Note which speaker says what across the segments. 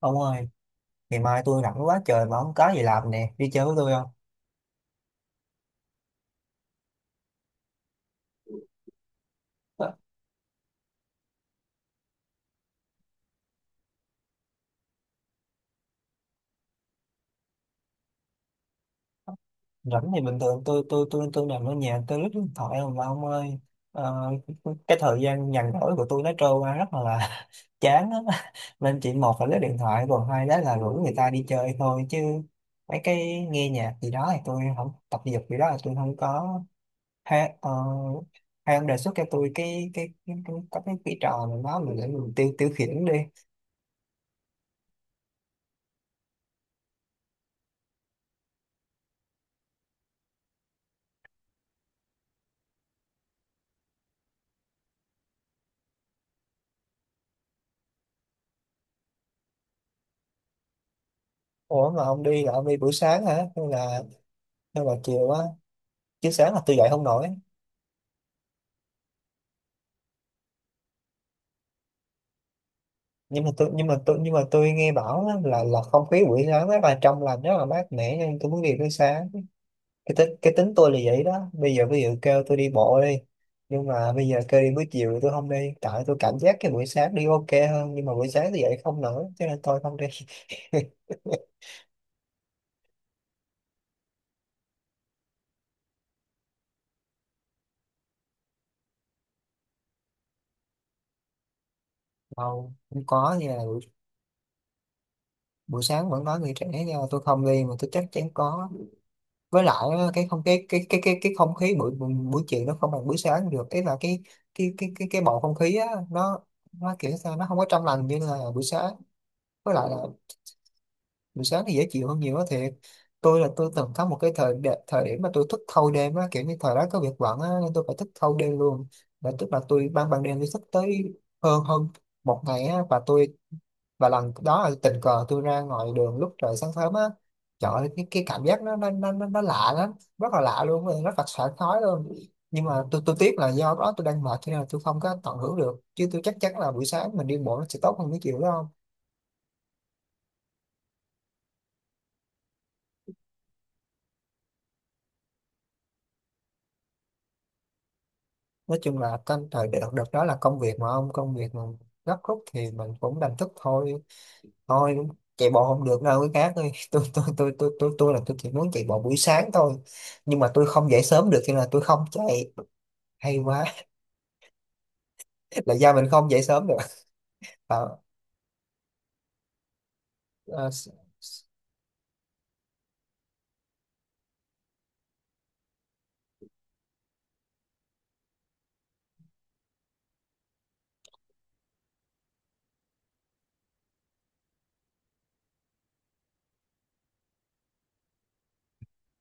Speaker 1: Ông ơi, ngày mai tôi rảnh quá trời mà không có gì làm nè, đi chơi với tôi không? Ờ. Rảnh thì bình thường tôi nằm ở nhà tôi lướt điện thoại không mà ông ơi. Ờ, cái thời gian nhàn rỗi của tôi nó trôi qua rất là chán á. Nên chỉ một là lướt điện thoại, còn hai đó là rủ người ta đi chơi thôi, chứ mấy cái nghe nhạc gì đó thì tôi không, tập thể dục gì đó là tôi không có. Hay, ờ, hay ông đề xuất cho tôi cái trò nào đó mình để mình tiêu tiêu khiển đi. Ủa mà ông đi là ông đi buổi sáng hả? Hay là chiều á? Chứ sáng là tôi dậy không nổi. Nhưng mà tôi nhưng mà tôi nhưng mà tôi nghe bảo á, là không khí buổi sáng rất là trong lành, rất là mát mẻ, nên tôi muốn đi buổi sáng. Cái tính tôi là vậy đó. Bây giờ ví dụ kêu tôi đi bộ đi. Nhưng mà bây giờ kêu đi buổi chiều thì tôi không đi. Tại tôi cảm giác cái buổi sáng đi ok hơn, nhưng mà buổi sáng tôi dậy không nổi cho nên tôi không đi. Đâu, không có nha, buổi sáng vẫn có người trẻ nha, tôi không đi mà tôi chắc chắn có. Với lại á, cái không cái cái không khí buổi buổi buổi chiều nó không bằng buổi sáng được, ý là cái bầu không khí á, nó kiểu sao nó không có trong lành như là buổi sáng. Với lại là buổi sáng thì dễ chịu hơn nhiều á, thiệt. Tôi là tôi từng có một cái thời điểm mà tôi thức thâu đêm á, kiểu như thời đó có việc bận á nên tôi phải thức thâu đêm luôn. Và tức là tôi ban ban đêm tôi thức tới hơn hơn một ngày á, và tôi, và lần đó là tình cờ tôi ra ngoài đường lúc trời sáng sớm á. Trời ơi, cái cảm giác nó lạ lắm, rất là lạ luôn, rất là sảng khoái luôn. Nhưng mà tôi tiếc là do đó tôi đang mệt cho nên là tôi không có tận hưởng được, chứ tôi chắc chắn là buổi sáng mình đi bộ nó sẽ tốt hơn cái chiều đó không. Nói chung là trong thời đợt đợt đó là công việc mà gấp rút thì mình cũng đành thức thôi. Thôi, chạy bộ không được đâu cái khác ơi. Tôi là tôi chỉ muốn chạy bộ buổi sáng thôi, nhưng mà tôi không dậy sớm được cho nên là tôi không chạy. Hay quá. Là do mình không dậy sớm được. Bảo. ờ, s- s-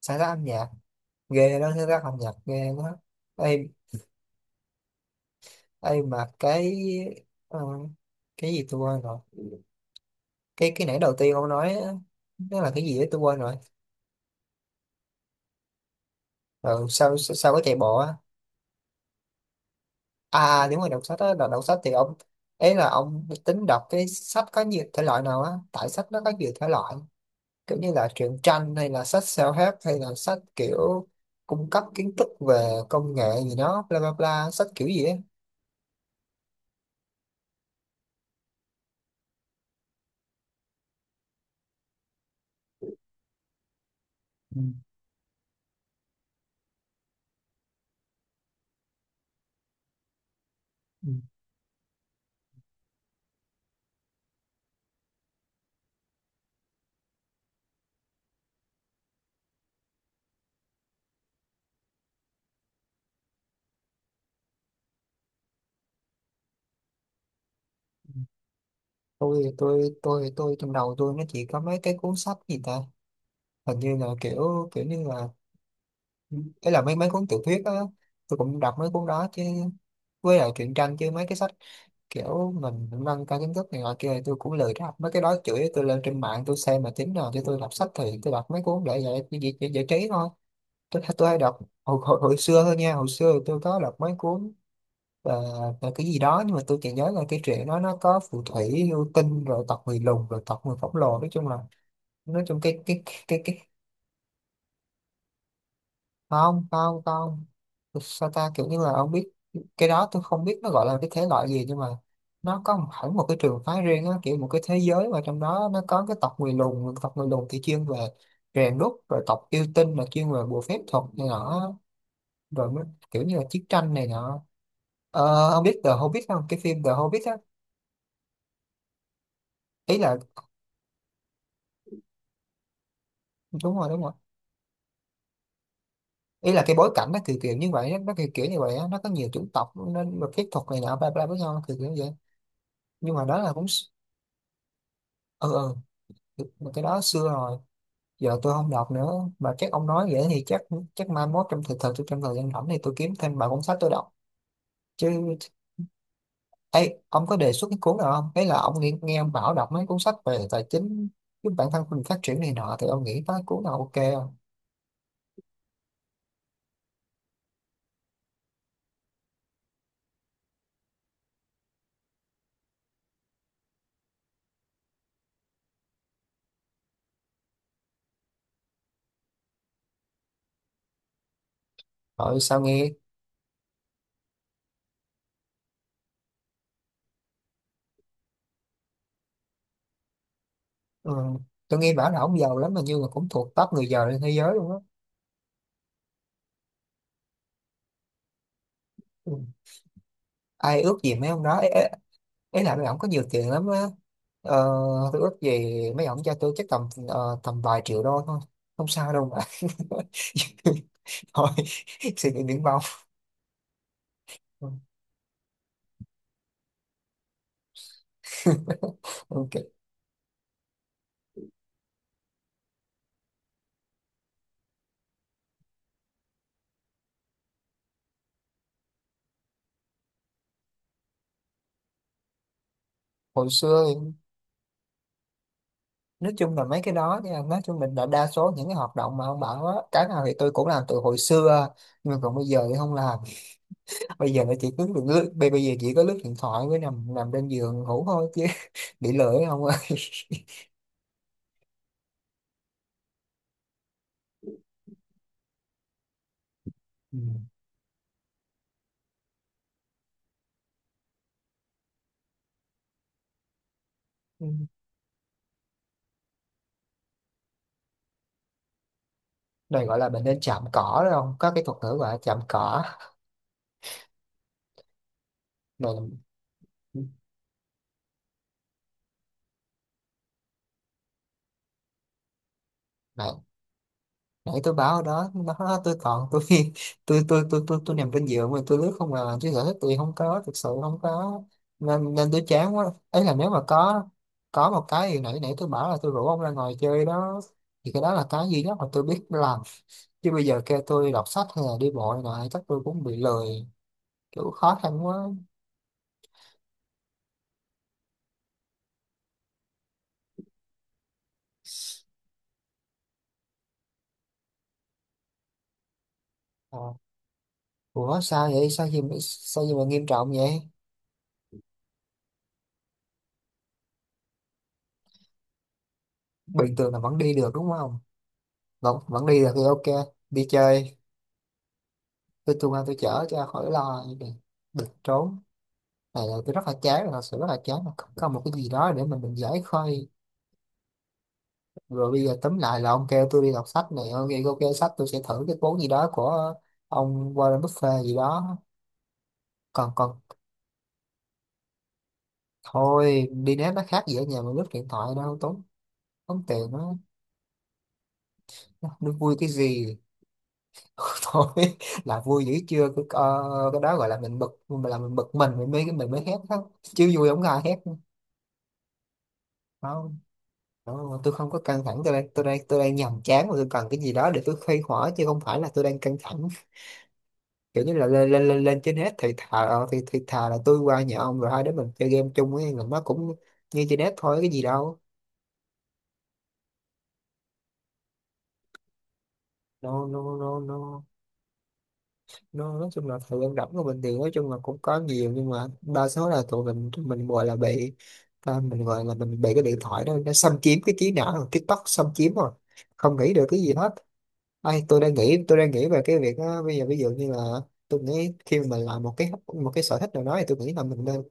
Speaker 1: Sáng tác âm nhạc ghê đó, sáng tác âm nhạc ghê quá. Ê, ê mà cái, ờ, cái gì tôi quên rồi. Cái nãy đầu tiên ông nói á, nó là cái gì đấy tôi quên rồi. Ừ, sao sao sao có chạy bộ á. À à, đúng rồi, đọc sách á. Đọc sách thì ông ấy là ông tính đọc cái sách có nhiều thể loại nào á, tại sách nó có nhiều thể loại, kiểu như là truyện tranh hay là sách self-help hay là sách kiểu cung cấp kiến thức về công nghệ gì đó, bla bla bla, sách kiểu gì á. Ừ, ừ, ừ. Tôi trong đầu tôi nó chỉ có mấy cái cuốn sách gì ta, hình như là kiểu kiểu như là, ấy là mấy mấy cuốn tiểu thuyết á. Tôi cũng đọc mấy cuốn đó chứ, với lại truyện tranh, chứ mấy cái sách kiểu mình nâng cao kiến thức này nọ kia thì tôi cũng lười đọc mấy cái đó, chửi tôi lên trên mạng tôi xem, mà tính nào cho tôi đọc sách thì tôi đọc mấy cuốn để giải trí thôi. Tôi hay đọc hồi xưa thôi nha, hồi xưa tôi có đọc mấy cuốn, và, và cái gì đó, nhưng mà tôi chỉ nhớ là cái truyện đó nó có phù thủy, yêu tinh, rồi tộc người lùn, rồi tộc người khổng lồ, nói chung là, nói chung cái, không không không, sao ta, kiểu như là ông biết. Cái đó tôi không biết nó gọi là cái thể loại gì, nhưng mà nó có hẳn một cái trường phái riêng á, kiểu một cái thế giới mà trong đó nó có cái tộc người lùn, tộc người lùn thì chuyên về rèn đúc, rồi tộc yêu tinh là chuyên về bùa phép thuật này nọ, rồi mới- kiểu như là chiến tranh này nọ. Ờ, ông biết The Hobbit không? Cái phim The Hobbit á. Ý là đúng rồi, đúng rồi, ý là cái bối cảnh nó kiểu kiểu như vậy, nó kiểu kiểu như vậy á, nó có nhiều chủng tộc nên mà phép thuật này nọ bla bla với nhau, nó kiểu kiểu như vậy. Nhưng mà đó là cũng ừ, ừ mà cái đó xưa rồi, giờ tôi không đọc nữa. Mà chắc ông nói vậy thì chắc chắc mai mốt trong thời gian rảnh thì tôi kiếm thêm vài cuốn sách tôi đọc chứ. Ấy ông có đề xuất cái cuốn nào không, ấy là ông nghe ông bảo đọc mấy cuốn sách về tài chính giúp bản thân mình phát triển này nọ thì ông nghĩ có cuốn nào ok không. Rồi sao nghe. Ừ, tôi nghe bảo là ông giàu lắm mà, như là cũng thuộc top người giàu trên thế giới luôn á. Ừ. Ai ước gì mấy ông đó, ấy là mấy ông có nhiều tiền lắm á. ờ, tôi ước gì mấy ông cho tôi chắc tầm vài triệu đô thôi, không sao đâu mà. Thôi, suy nghĩ biển bao. Ok. Hồi xưa thì nói chung là mấy cái đó nha, nói chung mình là đa số những cái hoạt động mà ông bảo á, cái nào thì tôi cũng làm từ hồi xưa, nhưng mà còn bây giờ thì không làm. Bây giờ là chỉ cứ lướt lướt- bây bây giờ chỉ có lướt điện thoại với nằm nằm trên giường ngủ thôi chứ. Bị lười không ơi. Ừ. Này gọi là mình nên chạm cỏ đó, không có cái thuật ngữ gọi là chạm cỏ. Này này, nãy tôi báo ở đó, nó tôi còn tôi, tôi nằm trên giường mà tôi lướt không à, chứ sở thích tôi không có, thực sự không có, nên nên tôi chán quá. Ấy là nếu mà có một cái gì nãy nãy tôi bảo là tôi rủ ông ra ngồi chơi đó, thì cái đó là cái duy nhất mà tôi biết làm. Chứ bây giờ kêu tôi đọc sách hay là đi bộ này nọ, chắc tôi cũng bị lười, kiểu khó khăn quá. Ờ, ủa sao vậy, sao gì, sao gì mà nghiêm trọng vậy. Bình thường là vẫn đi được đúng không? Vẫn vẫn đi được thì ok, đi chơi. Tôi tung ra tôi chở cho khỏi lo, được trốn. Này là tôi rất là chán rồi, thật sự rất là chán, không có một cái gì đó để mình giải khơi. Rồi bây giờ tóm lại là ông kêu tôi đi đọc sách này, ông kêu ok sách, tôi sẽ thử cái cuốn gì đó của ông Warren Buffett gì đó. Còn còn thôi, đi ném nó khác gì ở nhà mà lướt điện thoại đâu, tốn tốn tiền. Nó vui cái gì. Thôi, là vui dữ chưa cái, cái đó gọi là mình bực mình, mình mới hét đó chứ, vui không có ai hét không. Đó, tôi không có căng thẳng, tôi đang nhàm chán mà tôi cần cái gì đó để tôi khuây khỏa, chứ không phải là tôi đang căng thẳng. Kiểu như là lên trên hết thì thà ờ, thì thà là tôi qua nhà ông rồi hai đứa mình chơi game chung, ấy là nó cũng như trên hết thôi, cái gì đâu. No no no no. Nó nói chung là thời gian rảnh của mình thì nói chung là cũng có nhiều, nhưng mà đa số là tụi mình gọi là bị, ta mình gọi là mình bị cái điện thoại đó nó xâm chiếm cái trí não, rồi TikTok xâm chiếm rồi, không nghĩ được cái gì hết. Ai tôi đang nghĩ về cái việc á, bây giờ ví dụ như là tôi nghĩ khi mà mình làm một cái sở thích nào đó thì tôi nghĩ là mình nên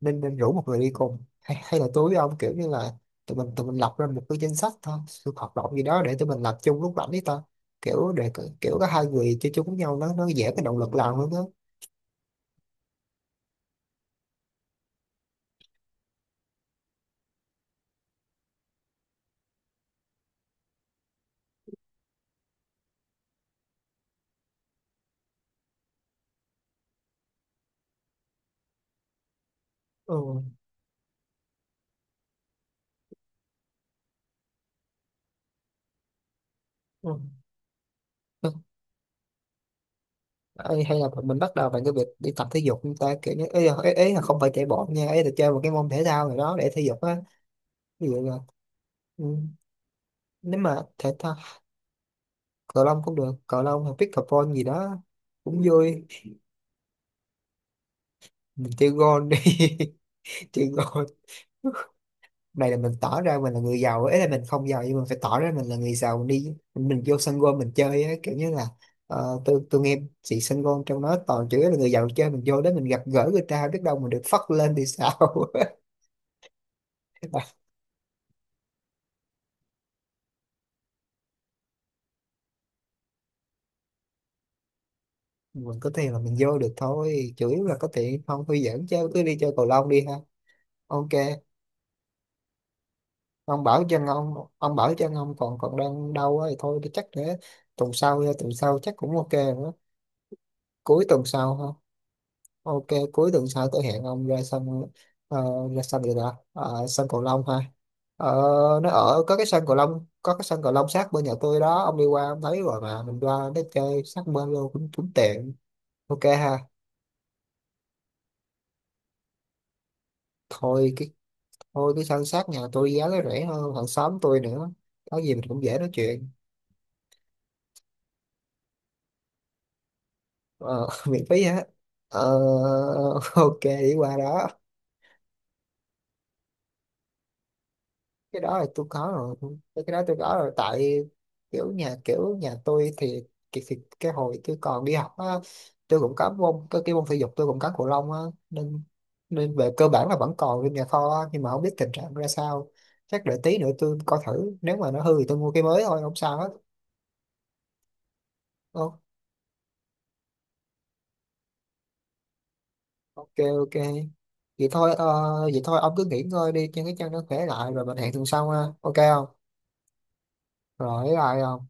Speaker 1: nên nên rủ một người đi cùng, hay hay là tôi với ông kiểu như là tụi mình lập ra một cái danh sách thôi sự hoạt động gì đó để tụi mình làm chung lúc rảnh đi, kiểu để kiểu có hai người chơi chung với nhau nó dễ, cái động lực làm hơn đó. Ừ. Ừ. Ừ. Ê, hay là mình bắt đầu bằng cái việc đi tập thể dục chúng ta, kiểu như ấy là, ấy là không phải chạy bộ nha, ấy là chơi một cái môn thể thao nào đó để thể dục á. Ví dụ là, ừ, nếu mà thể thao cầu lông cũng được, cầu lông hay pickleball gì đó cũng vui. Mình chơi gôn đi. Chơi gôn. Này là mình tỏ ra mình là người giàu, ấy là mình không giàu nhưng mình phải tỏ ra mình là người giàu đi, mình vô sân golf mình chơi ấy, kiểu như là, tôi nghe chị sân golf trong đó toàn chữ là người giàu chơi, mình vô đó mình gặp gỡ người ta biết đâu mình được phất lên thì sao. À, mình có tiền là mình vô được thôi, chủ yếu là có tiền, không tôi dẫn chơi, cứ đi chơi cầu lông đi ha. Ok. Ông bảo chân ông còn còn đang đau á thì thôi chắc để tuần sau, chắc cũng ok nữa. Cuối tuần sau ha. Ok, cuối tuần sau tôi hẹn ông ra sân, ờ, ra sân gì đó. Ờ, sân cầu lông ha. Ờ, nó ở có cái sân cầu lông, sát bên nhà tôi đó, ông đi qua ông thấy rồi mà, mình qua nó chơi sát bên luôn, cũng cũng tiện. Ok ha. Thôi cái Thôi cái sân sát nhà tôi giá nó rẻ hơn hàng xóm tôi nữa. Có gì mình cũng dễ nói chuyện. Ờ, miễn phí hết. Ờ, ok đi qua đó. Cái đó là tôi có rồi, cái đó tôi có rồi, tại kiểu nhà tôi thì cái hồi tôi còn đi học á tôi cũng có môn cái môn thể dục tôi cũng có cầu lông á, nên nên về cơ bản là vẫn còn trong nhà kho á, nhưng mà không biết tình trạng ra sao. Chắc đợi tí nữa tôi coi thử nếu mà nó hư thì tôi mua cái mới thôi, không sao hết. Ô, ok, ok. vậy thôi ờ, Vậy thôi ông cứ nghỉ ngơi đi cho cái chân nó khỏe lại, rồi mình hẹn tuần sau ha, ok không. Rồi lại không.